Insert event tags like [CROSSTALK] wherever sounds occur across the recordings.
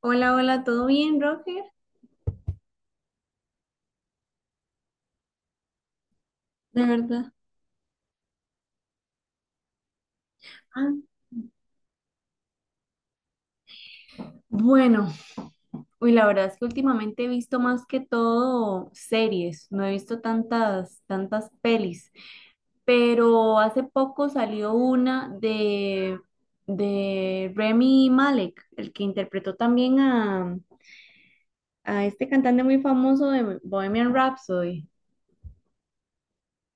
Hola, hola, ¿todo bien, Roger? De verdad. Ah, Bueno, la verdad es que últimamente he visto más que todo series, no he visto tantas pelis, pero hace poco salió de Remy Malek, el que interpretó también a este cantante muy famoso de Bohemian Rhapsody,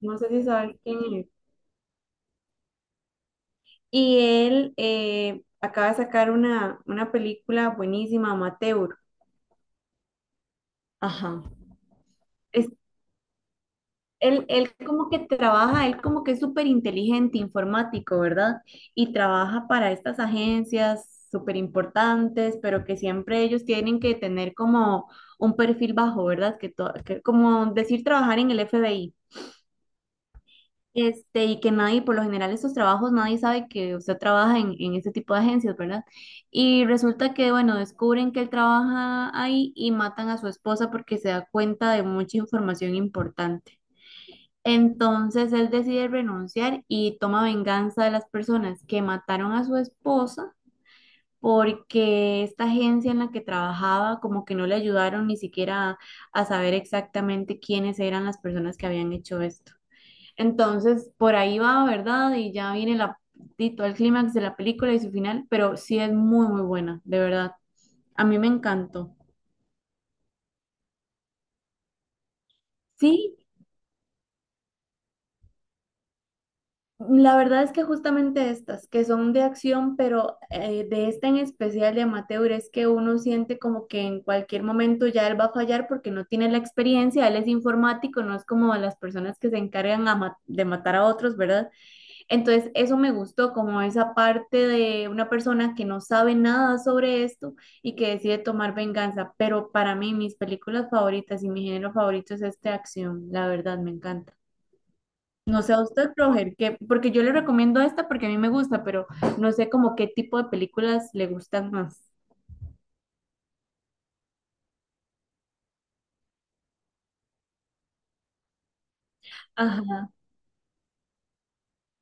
no sé si sabes quién es. Y él acaba de sacar una película buenísima, Amateur. Ajá. Es, él como que trabaja, él como que es súper inteligente, informático, ¿verdad? Y trabaja para estas agencias súper importantes, pero que siempre ellos tienen que tener como un perfil bajo, ¿verdad? Que, que como decir trabajar en el FBI. Y que nadie, por lo general, esos trabajos, nadie sabe que usted trabaja en este tipo de agencias, ¿verdad? Y resulta que, bueno, descubren que él trabaja ahí y matan a su esposa porque se da cuenta de mucha información importante. Entonces él decide renunciar y toma venganza de las personas que mataron a su esposa porque esta agencia en la que trabajaba como que no le ayudaron ni siquiera a saber exactamente quiénes eran las personas que habían hecho esto. Entonces por ahí va, ¿verdad? Y ya viene y todo el clímax de La verdad es que justamente estas, que son de acción, pero de esta en especial de amateur, es que uno siente como que en cualquier momento ya él va a fallar porque no tiene la experiencia, él es informático, no es como las personas que se encargan a de matar a otros, ¿verdad? Entonces, eso me gustó, como esa parte de una persona que no sabe nada sobre esto y que decide tomar venganza, pero para mí mis películas favoritas y mi género favorito es este de acción, la verdad, me encanta. No sé a usted, Roger, que, porque yo le recomiendo esta porque a mí me gusta, pero no sé como qué tipo de películas le gustan más. Ajá,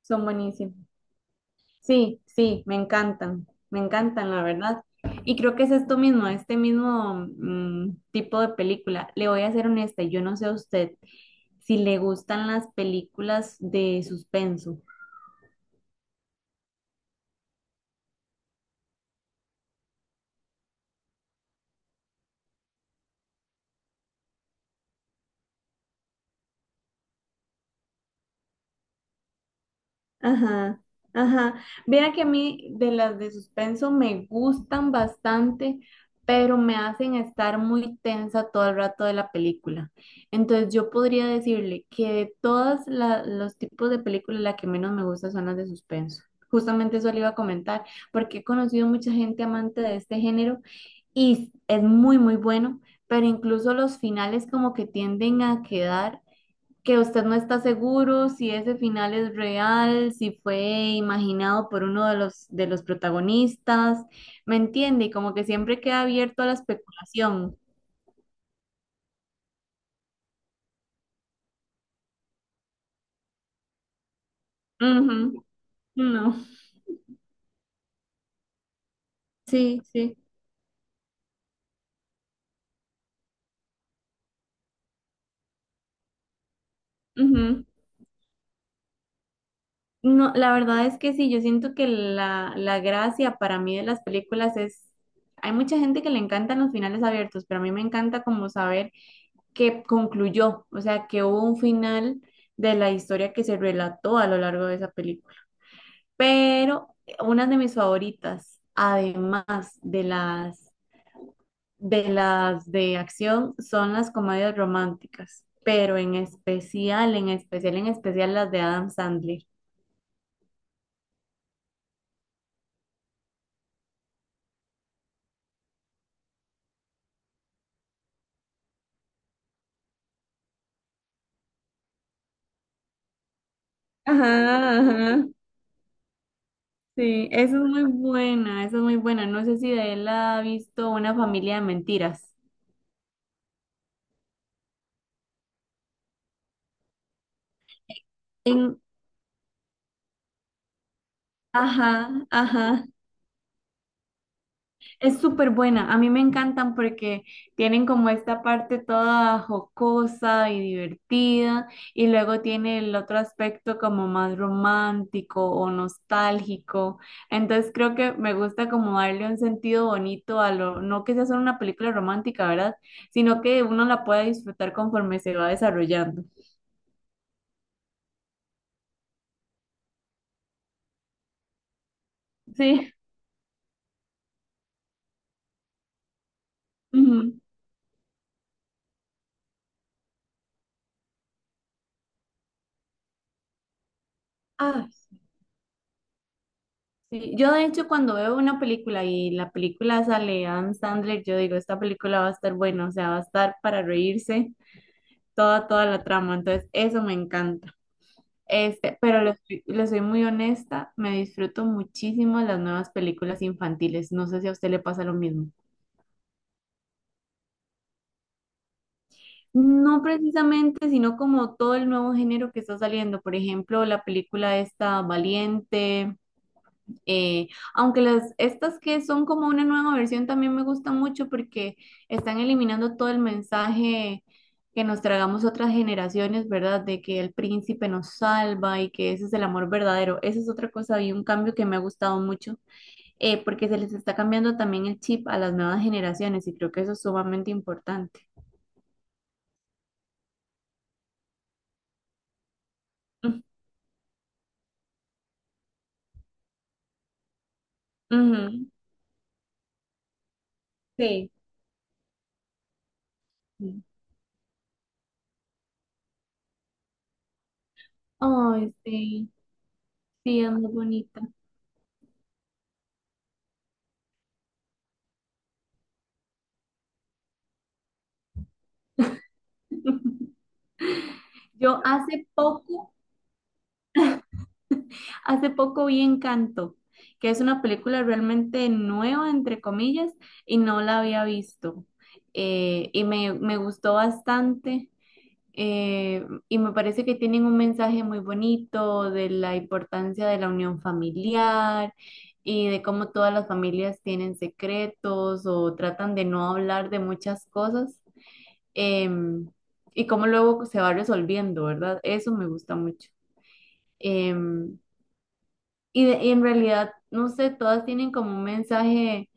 son buenísimas. Sí, sí, me encantan, la verdad. Y creo que es esto mismo, este mismo tipo de película. Le voy a ser honesta, yo no sé a usted si le gustan las películas de suspenso. Ajá, ajá, vea que a mí de las de suspenso me gustan bastante, pero me hacen estar muy tensa todo el rato de la película. Entonces yo podría decirle que de todos los tipos de películas, la que menos me gusta son las de suspenso. Justamente eso le iba a comentar, porque he conocido mucha gente amante de este género y es muy, muy bueno, pero incluso los finales como que tienden a quedar que usted no está seguro si ese final es real, si fue imaginado por uno de de los protagonistas, ¿me entiende? Y como que siempre queda abierto a la especulación. Ujú. No, sí, sí. Ujú. No, la verdad es que sí, yo siento que la gracia para mí de las películas es, hay mucha gente que le encantan los finales abiertos, pero a mí me encanta como saber que concluyó, o sea, que hubo un final de la historia que se relató a lo largo de esa película. Pero una de mis favoritas, además de las de las de acción, son las comedias románticas, pero en especial, en especial, en especial las de Adam Sandler. Ajá, ajá. Sí, esa es muy buena, esa es muy buena. No sé si de él ha visto Una familia de mentiras. En, ajá, ajá. Es súper buena, a mí me encantan porque tienen como esta parte toda jocosa y divertida y luego tiene el otro aspecto como más romántico o nostálgico. Entonces creo que me gusta como darle un sentido bonito a lo, no que sea solo una película romántica, ¿verdad? Sino que uno la pueda disfrutar conforme se va desarrollando. Sí. [LAUGHS] Ujú. Ah. Sí, yo de hecho cuando veo una película y la película sale Adam Sandler, yo digo, esta película va a estar buena, o sea, va a estar para reírse toda, toda la trama, entonces eso me encanta. Este, pero les, les soy muy honesta, me disfruto muchísimo las nuevas películas infantiles, no sé si a usted le pasa lo mismo. No precisamente, sino como todo el nuevo género que está saliendo, por ejemplo, la película esta Valiente, Eh, aunque estas que son como una nueva versión también me gustan mucho porque están eliminando todo el mensaje que nos tragamos otras generaciones, ¿verdad? De que el príncipe nos salva y que ese es el amor verdadero. Esa es otra cosa y un cambio que me ha gustado mucho porque se les está cambiando también el chip a las nuevas generaciones y creo que eso es sumamente importante. Mm, ujú, sí. Sí. Ay, sí, sí, es muy bonita. [LAUGHS] Yo hace poco, hace poco vi Encanto, que es una película realmente nueva, entre comillas, y no la había visto. Y me, me gustó bastante, y me parece que tienen un mensaje muy bonito de la importancia de la unión familiar y de cómo todas las familias tienen secretos o tratan de no hablar de muchas cosas, em, y cómo luego se va resolviendo, ¿verdad? Eso me gusta mucho. Em, y en realidad, no sé, todas tienen como un mensaje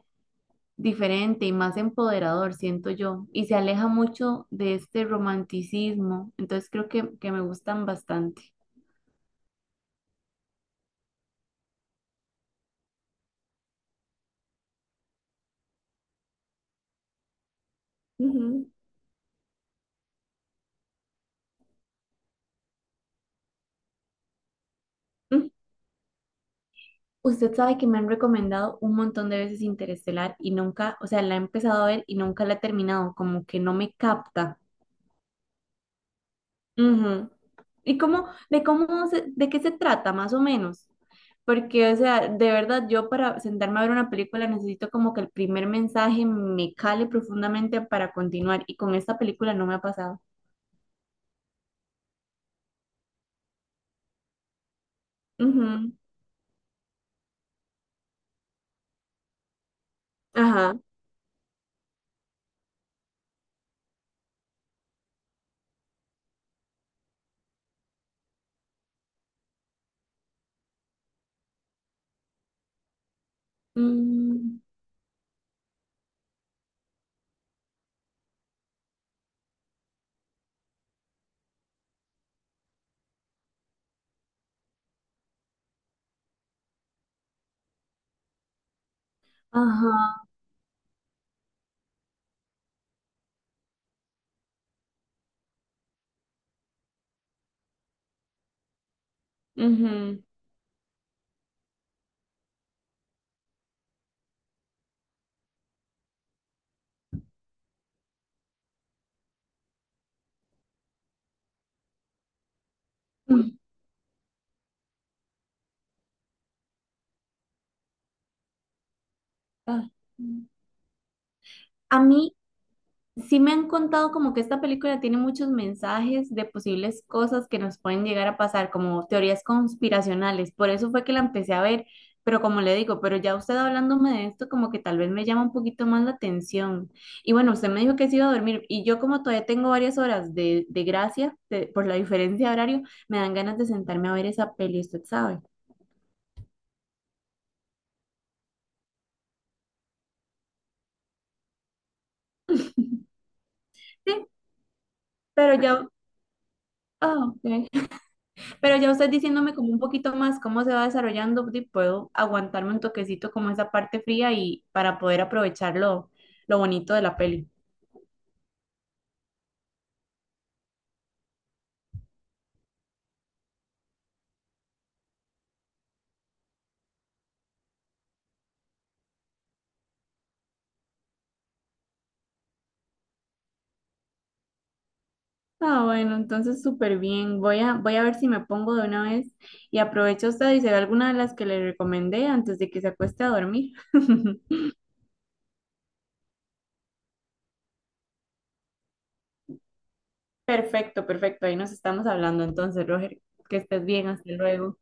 diferente y más empoderador, siento yo, y se aleja mucho de este romanticismo, entonces creo que me gustan bastante. Ujú. Mm. Usted sabe que me han recomendado un montón de veces Interestelar y nunca, o sea, la he empezado a ver y nunca la he terminado, como que no me capta. Ujú. De ¿de qué se trata, más o menos? Porque, o sea, de verdad, yo para sentarme a ver una película necesito como que el primer mensaje me cale profundamente para continuar. Y con esta película no me ha pasado. Ujú, ajá. Mm, ajá, ujú, mm, ah. A mí, sí me han contado como que esta película tiene muchos mensajes de posibles cosas que nos pueden llegar a pasar, como teorías conspiracionales. Por eso fue que la empecé a ver, pero como le digo, pero ya usted hablándome de esto, como que tal vez me llama un poquito más la atención. Y bueno, usted me dijo que se iba a dormir y yo como todavía tengo varias horas de gracia por la diferencia de horario, me dan ganas de sentarme a ver esa peli, usted sabe. Sí, pero ya... ah, ok. Pero ya usted diciéndome como un poquito más cómo se va desarrollando, di, puedo aguantarme un toquecito como esa parte fría y para poder aprovechar lo bonito de la peli. Ah, bueno, entonces súper bien. Voy a ver si me pongo de una vez y aprovecho usted y se ve alguna de las que le recomendé antes de que se acueste a dormir. [LAUGHS] Perfecto, perfecto. Ahí nos estamos hablando entonces, Roger. Que estés bien, hasta luego.